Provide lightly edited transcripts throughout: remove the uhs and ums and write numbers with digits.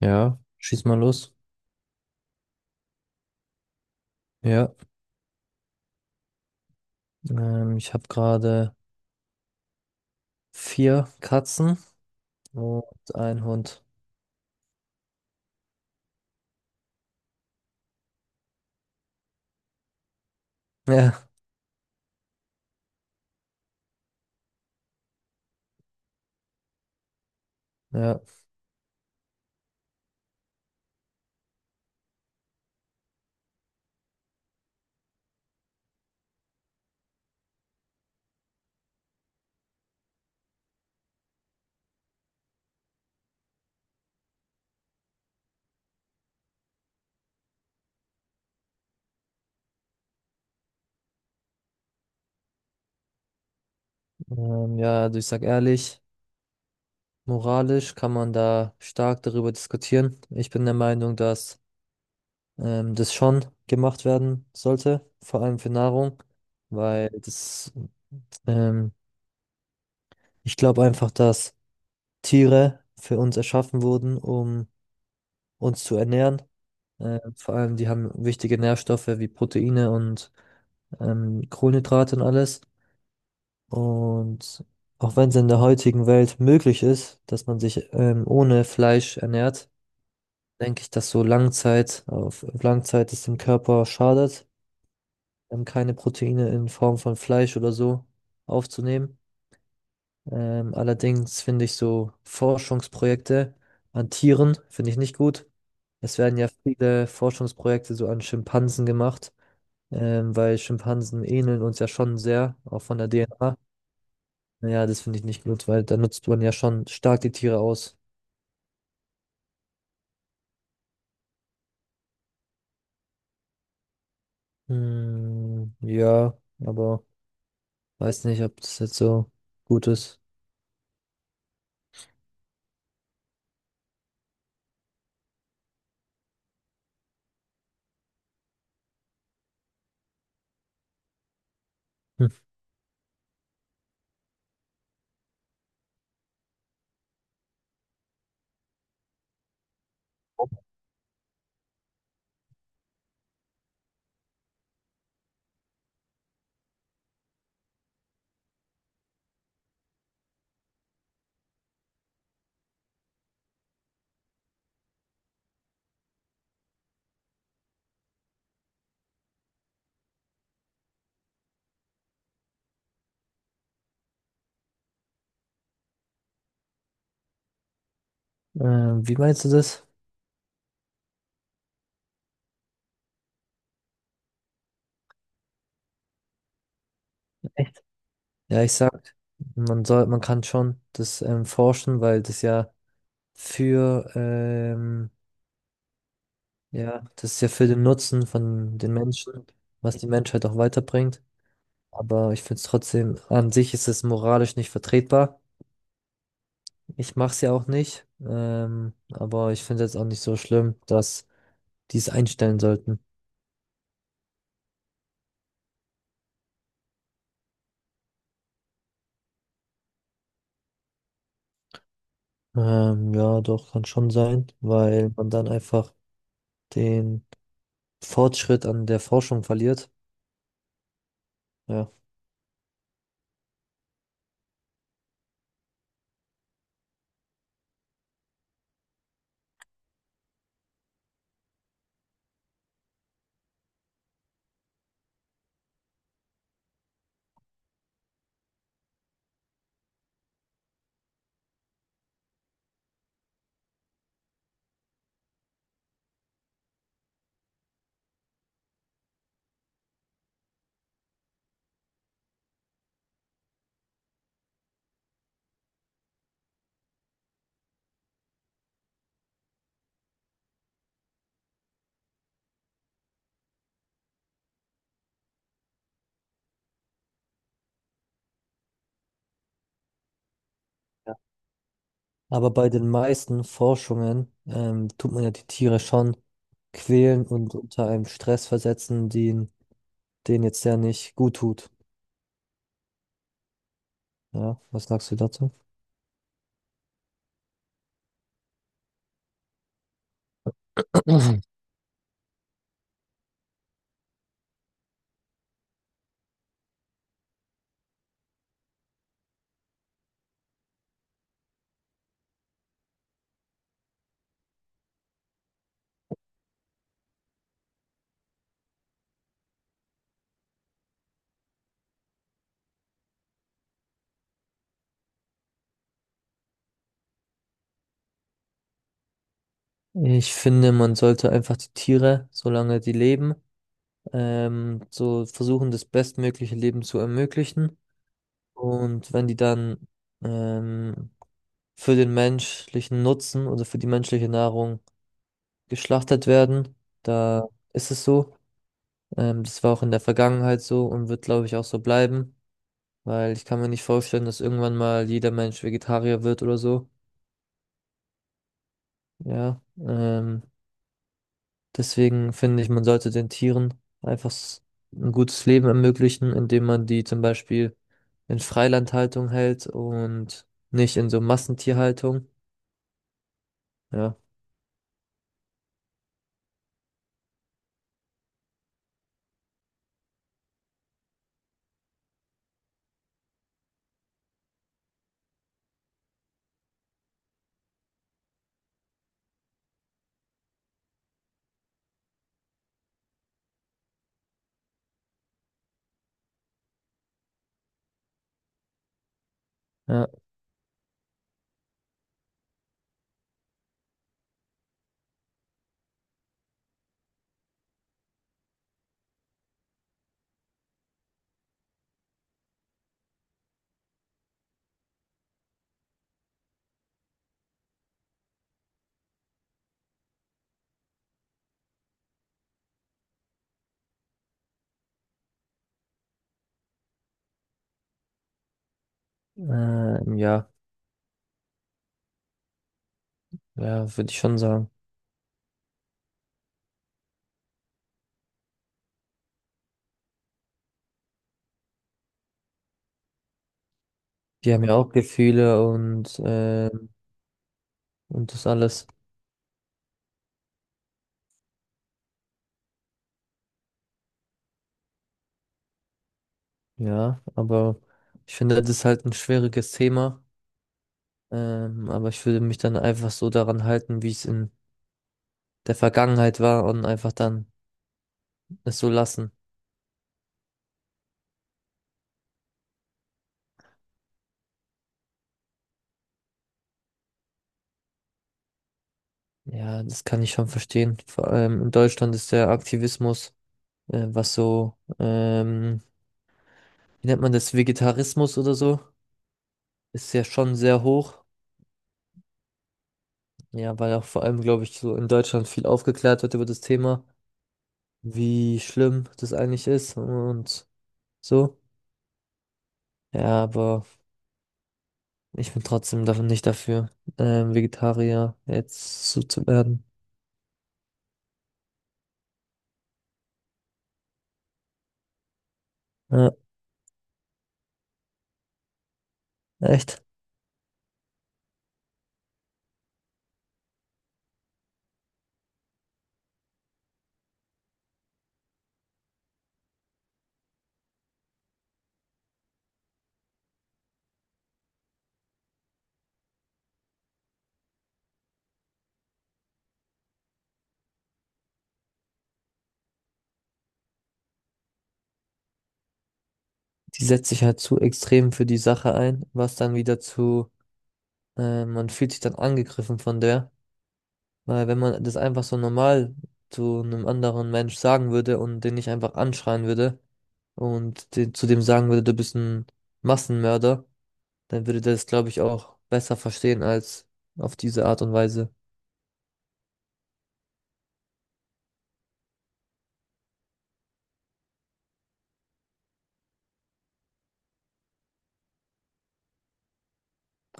Ja, schieß mal los. Ja, ich habe gerade vier Katzen und einen Hund. Ja, ja, ja, also ich sag ehrlich, moralisch kann man da stark darüber diskutieren. Ich bin der Meinung, dass das schon gemacht werden sollte, vor allem für Nahrung, weil ähm, ich glaube einfach, dass Tiere für uns erschaffen wurden, um uns zu ernähren. Vor allem, die haben wichtige Nährstoffe wie Proteine und Kohlenhydrate und alles. Und auch wenn es in der heutigen Welt möglich ist, dass man sich ohne Fleisch ernährt, denke ich, dass so Langzeit, auf Langzeit es dem Körper schadet, keine Proteine in Form von Fleisch oder so aufzunehmen. Allerdings finde ich so Forschungsprojekte an Tieren, finde ich nicht gut. Es werden ja viele Forschungsprojekte so an Schimpansen gemacht, weil Schimpansen ähneln uns ja schon sehr, auch von der DNA. Ja, das finde ich nicht gut, weil da nutzt man ja schon stark die Tiere aus. Hm, ja, aber weiß nicht, ob das jetzt so gut ist. Hm. Wie meinst du das? Echt? Ja, ich sag, man kann schon das forschen, weil das ja für, ähm, ja, das ist ja für den Nutzen von den Menschen, was die Menschheit auch weiterbringt. Aber ich finde es trotzdem, an sich ist es moralisch nicht vertretbar. Ich mach's ja auch nicht, aber ich finde es jetzt auch nicht so schlimm, dass die es einstellen sollten. Ja, doch, kann schon sein, weil man dann einfach den Fortschritt an der Forschung verliert. Ja. Ja. Aber bei den meisten Forschungen tut man ja die Tiere schon quälen und unter einem Stress versetzen, den jetzt ja nicht gut tut. Ja, was sagst du dazu? Ich finde, man sollte einfach die Tiere, solange die leben, so versuchen, das bestmögliche Leben zu ermöglichen. Und wenn die dann ähm, für den menschlichen Nutzen oder für die menschliche Nahrung geschlachtet werden, da ist es so. Das war auch in der Vergangenheit so und wird, glaube ich, auch so bleiben, weil ich kann mir nicht vorstellen, dass irgendwann mal jeder Mensch Vegetarier wird oder so. Ja, deswegen finde ich, man sollte den Tieren einfach ein gutes Leben ermöglichen, indem man die zum Beispiel in Freilandhaltung hält und nicht in so Massentierhaltung. Ja, ja, ja, ja, würde ich schon sagen. Die haben ja auch Gefühle und das alles. Ja, aber ich finde, das ist halt ein schwieriges Thema. Aber ich würde mich dann einfach so daran halten, wie es in der Vergangenheit war und einfach dann es so lassen. Ja, das kann ich schon verstehen. Vor allem in Deutschland ist der Aktivismus, was so wie nennt man das, Vegetarismus oder so, ist ja schon sehr hoch. Ja, weil auch vor allem, glaube ich, so in Deutschland viel aufgeklärt wird über das Thema, wie schlimm das eigentlich ist und so. Ja, aber ich bin trotzdem davon nicht dafür, Vegetarier jetzt so zu werden. Ja, echt. Die setzt sich halt zu extrem für die Sache ein, was dann wieder zu, man fühlt sich dann angegriffen von der, weil wenn man das einfach so normal zu einem anderen Mensch sagen würde und den nicht einfach anschreien würde, und den, zu dem sagen würde, du bist ein Massenmörder, dann würde der das, glaube ich, auch besser verstehen als auf diese Art und Weise.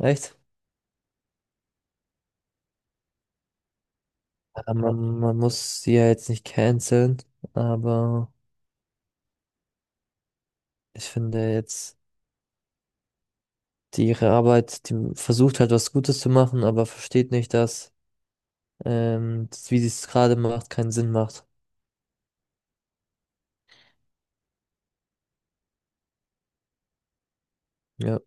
Echt? Ja, man muss sie ja jetzt nicht canceln, aber ich finde jetzt, die ihre Arbeit, die versucht halt was Gutes zu machen, aber versteht nicht, dass das, wie sie es gerade macht, keinen Sinn macht. Ja.